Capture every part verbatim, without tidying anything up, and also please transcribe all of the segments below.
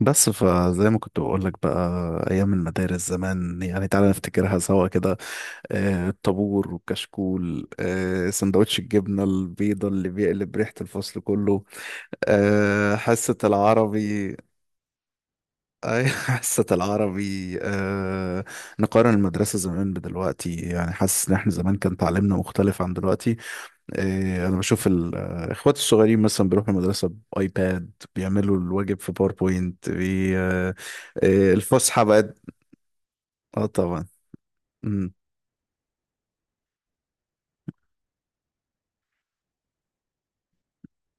بس فزي ما كنت بقول لك بقى ايام المدارس زمان، يعني تعالى نفتكرها سوا كده. آه، الطابور والكشكول، آه، سندوتش الجبنه البيضه اللي بيقلب ريحه الفصل كله. آه، حصه العربي. اي. حصه العربي آه، نقارن المدرسه زمان بدلوقتي. يعني حاسس ان احنا زمان كان تعليمنا مختلف عن دلوقتي. إيه، انا بشوف الاخوات الصغيرين مثلا بيروحوا المدرسه بايباد، بيعملوا الواجب في باوربوينت بي... آه، إيه، الفسحه بقت. اه طبعا. مم.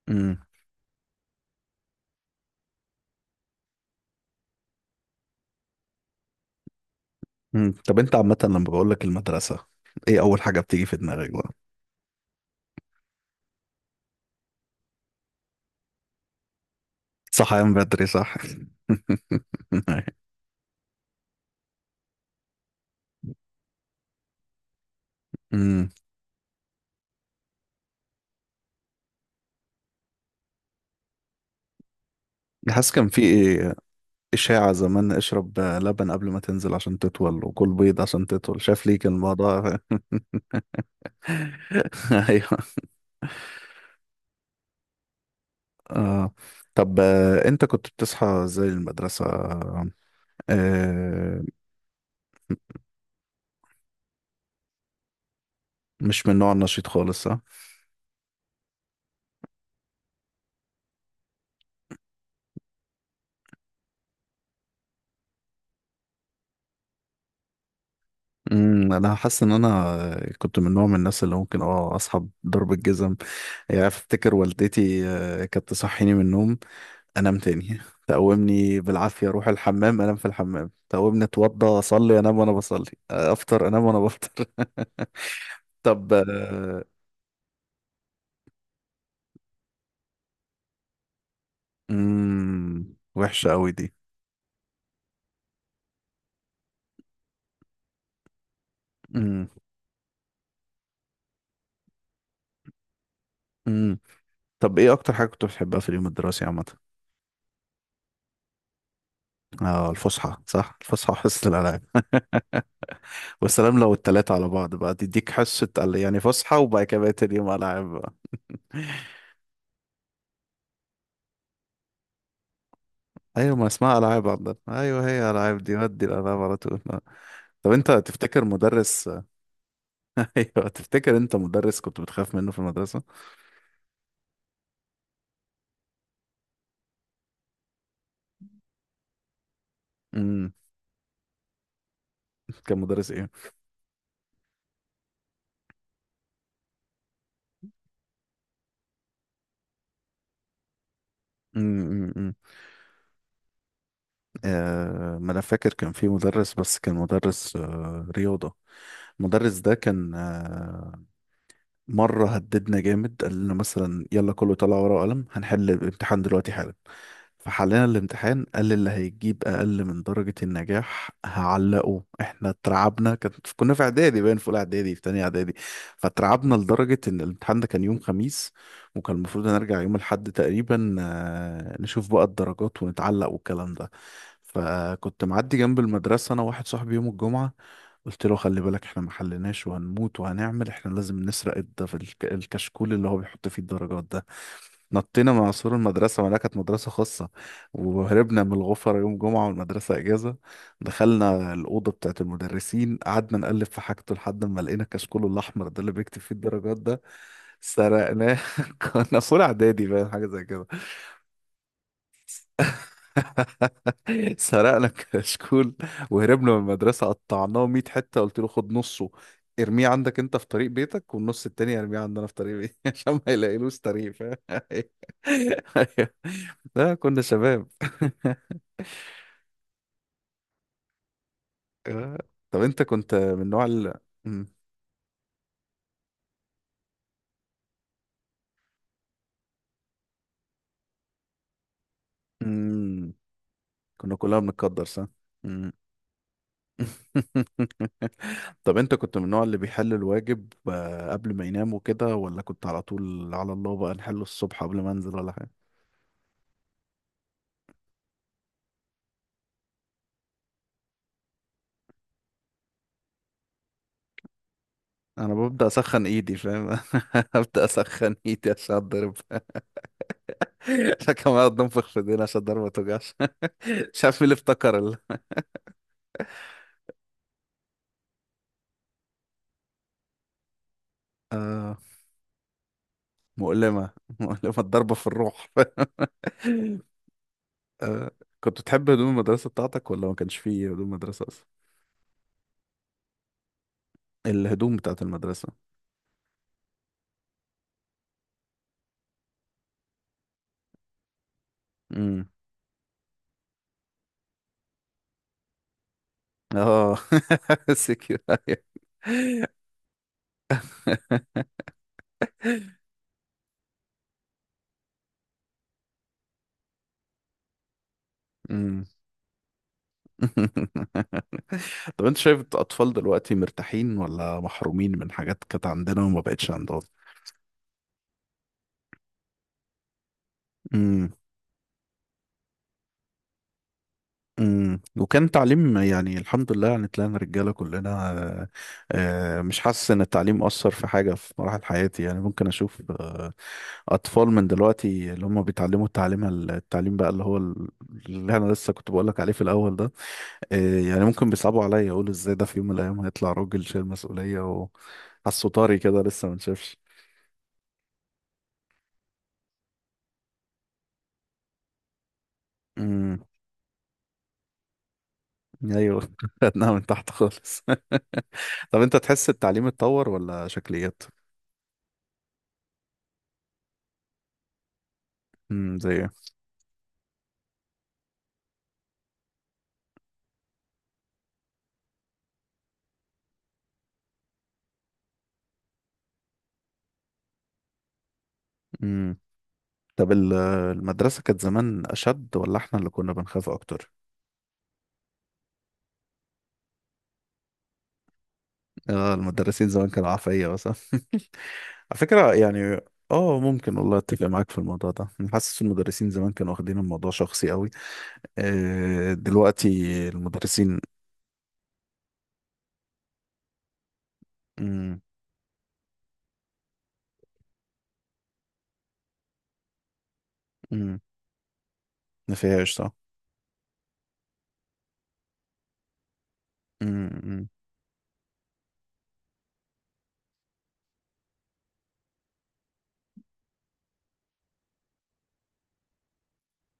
مم. مم. طب انت عامه لما بقول لك المدرسه، ايه اول حاجه بتيجي في دماغك بقى؟ صحيان بدري صح. امم حاسس كان في ايه. اشاعه زمان اشرب لبن قبل ما تنزل عشان تطول، وكل بيض عشان تطول. شايف ليه كان الموضوع. ايوه. آه. طب آه، انت كنت بتصحى زي المدرسة. آه. مش من النوع النشيط خالص ها؟ امم انا حاسس ان انا آه، كنت من نوع من الناس اللي ممكن اه اصحى بضرب الجزم. يعني افتكر والدتي آه، كانت تصحيني من النوم انام تاني، تقومني بالعافية اروح الحمام انام في الحمام، تقومني اتوضى اصلي انام وانا بصلي، آه، افطر انام وانا بفطر. طب آه، امم وحشة قوي دي. امم امم طب ايه اكتر حاجة كنت بتحبها في اليوم الدراسي عامة؟ اه الفسحة، صح الفسحة وحصة الألعاب. والسلام، لو التلاتة على بعض بقى تديك حصة ال- يعني فسحة وبعد كده بقيت اليوم ألعاب بقى. أيوة ما اسمها ألعاب عندنا، أيوة هي ألعاب دي، ودي الألعاب على طول. آه. طب أنت تفتكر مدرس. أيوة، تفتكر أنت مدرس كنت بتخاف منه في المدرسة؟ امم. كان مدرس إيه؟ امم امم أمم. آه، ما أنا فاكر كان في مدرس، بس كان مدرس آه رياضة. المدرس ده كان آه، مرة هددنا جامد، قال لنا مثلا يلا كله طلع ورقة وقلم هنحل الامتحان دلوقتي حالا. فحلينا الامتحان، قال اللي هيجيب أقل من درجة النجاح هعلقه، احنا اترعبنا. كان كنا في إعدادي باين، في أولى إعدادي، في تانية إعدادي. فاترعبنا لدرجة إن الامتحان ده كان يوم خميس، وكان المفروض نرجع يوم الأحد تقريبا آه، نشوف بقى الدرجات ونتعلق والكلام ده. فكنت معدي جنب المدرسة أنا واحد صاحبي يوم الجمعة، قلت له خلي بالك احنا ما حليناش وهنموت، وهنعمل احنا لازم نسرق الد- في الك- الكشكول اللي هو بيحط فيه الدرجات ده. نطينا من عصور المدرسة، ولا كانت مدرسة خاصة، وهربنا من الغفر يوم جمعة والمدرسة إجازة. دخلنا الأوضة بتاعت المدرسين، قعدنا نقلب في حاجته لحد ما لقينا الكشكول الأحمر ده اللي بيكتب فيه الدرجات ده. سرقناه. كنا في أولى إعدادي باين، حاجة زي كده. سرقنا كشكول وهربنا من المدرسة، قطعناه مية حتة. قلت له خد نصه ارميه عندك انت في طريق بيتك، والنص التاني ارميه عندنا في طريق بيتي، عشان ما يلاقيلوش طريق، فاهم. أيوه. لا كنا شباب. آه. طب انت كنت من نوع ال مم. مم. كنا كلنا بنتقدر صح؟ مم. طب انت كنت من النوع اللي بيحل الواجب آه، قبل ما ينام وكده، ولا كنت على طول على الله بقى نحله الصبح قبل ما انزل، ولا انا ببدا اسخن ايدي فاهم. ابدا اسخن ايدي عشان اتضرب. عشان كمان اقعد انفخ في ايدينا عشان الضربه ما توجعش. مش عارف مين اللي افتكر ال... آه مؤلمه. مؤلمه الضربه في الروح. آه. كنت بتحب هدوم المدرسه بتاعتك ولا ما كانش فيه هدوم مدرسه اصلا؟ الهدوم بتاعت المدرسه. امم. اه. سكيور. امم. طب انت شايف الاطفال دلوقتي مرتاحين ولا محرومين من حاجات كانت عندنا وما بقتش عندهم؟ امم. وكان تعليم يعني الحمد لله، يعني طلعنا رجاله كلنا. آه، آه، مش حاسس ان التعليم اثر في حاجه في مراحل حياتي. يعني ممكن اشوف آه، اطفال من دلوقتي اللي هم بيتعلموا التعليم التعليم بقى اللي هو ال- اللي انا لسه كنت بقول لك عليه في الاول ده، آه، يعني ممكن بيصعبوا عليا، يقولوا ازاي ده في يوم من الايام هيطلع راجل شايل مسؤوليه، وحاسه طري كده لسه ما نشافش. امم ايوه. خدناها من تحت خالص. طب انت تحس التعليم اتطور ولا شكليات؟ امم زي. امم. طب ال- المدرسة كانت زمان أشد، ولا إحنا اللي كنا بنخاف أكتر؟ آه المدرسين زمان كانوا عفية مثلا. على فكرة يعني. اه ممكن، والله اتفق معاك في الموضوع ده. أنا حاسس المدرسين زمان كانوا واخدين الموضوع شخصي قوي. آه دلوقتي المدرسين. امم امم ما فيهاش صح. امم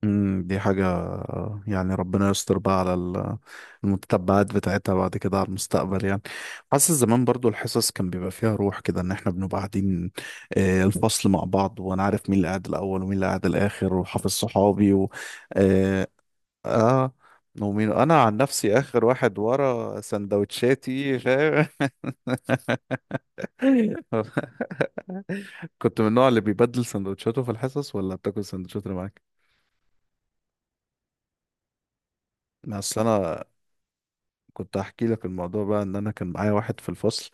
امم دي حاجة آه، يعني ربنا يستر بقى على ال- المتتبعات بتاعتها بعد كده على المستقبل يعني. حاسس زمان برضو الحصص كان بيبقى فيها روح كده، ان احنا بنبقى قاعدين آه، الفصل مع بعض، وانا عارف مين اللي قاعد الاول ومين اللي قاعد الاخر، وحافظ صحابي و اه, آه، ومين انا عن نفسي اخر واحد ورا سندوتشاتي فاهم. كنت من النوع اللي بيبدل سندوتشاته في الحصص، ولا بتاكل سندوتشات اللي معاك؟ اصل انا كنت هحكي لك الموضوع بقى، ان انا كان معايا واحد في الفصل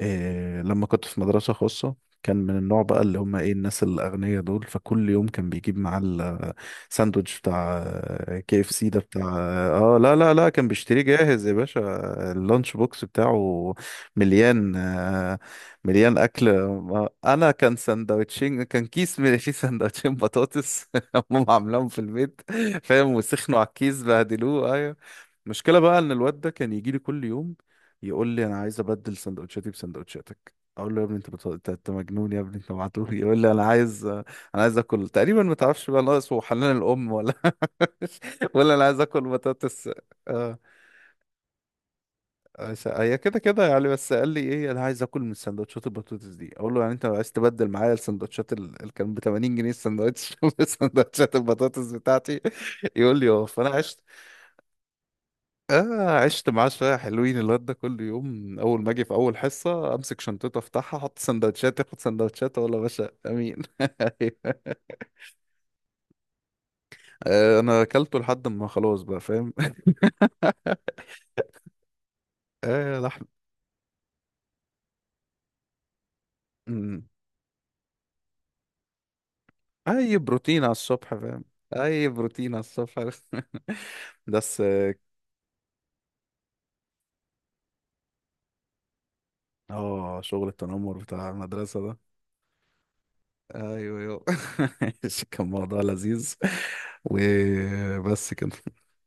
إيه لما كنت في مدرسة خاصة، كان من النوع بقى اللي هم ايه، الناس الاغنياء دول، فكل يوم كان بيجيب معاه الساندوتش بتاع كي اف سي ده بتاع. اه لا لا لا كان بيشتريه جاهز يا باشا. اللانش بوكس بتاعه مليان آه، مليان اكل. آه، انا كان ساندوتشين، كان كيس من فيه ساندوتشين بطاطس هم عاملاهم في البيت، فاهم، وسخنوا على الكيس بهدلوه. أيوه. المشكلة بقى ان الواد ده كان يجي لي كل يوم يقول لي انا عايز ابدل سندوتشاتي بسندوتشاتك، اقول له يا ابني انت بت... انت أنت مجنون يا ابني، انت معتوه. يقول لي انا عايز انا عايز اكل. تقريبا ما تعرفش بقى، ناقص هو حنان الام ولا. ولا انا عايز اكل بطاطس. اه. آه، س- هي كده كده يعني. بس قال لي ايه، انا عايز اكل من سندوتشات البطاطس دي. اقول له يعني انت عايز تبدل معايا السندوتشات ال- اللي كان ب ثمانين جنيه السندوتش بسندوتشات البطاطس بتاعتي. يقول لي اه. فانا عشت آه، عشت معاه شوية حلوين. الواد ده كل يوم أول ما أجي في أول حصة أمسك شنطته أفتحها أحط سندوتشات، ياخد سندوتشات، أقول له يا باشا أمين. آه أنا أكلته لحد ما خلاص بقى فاهم. آه لحم. مم. أي بروتين على الصبح فاهم. أي بروتين على الصبح. بس آه. آه، شغل التنمر بتاع المدرسة ده. أيوه أيوه. كان موضوع لذيذ. وبس كده.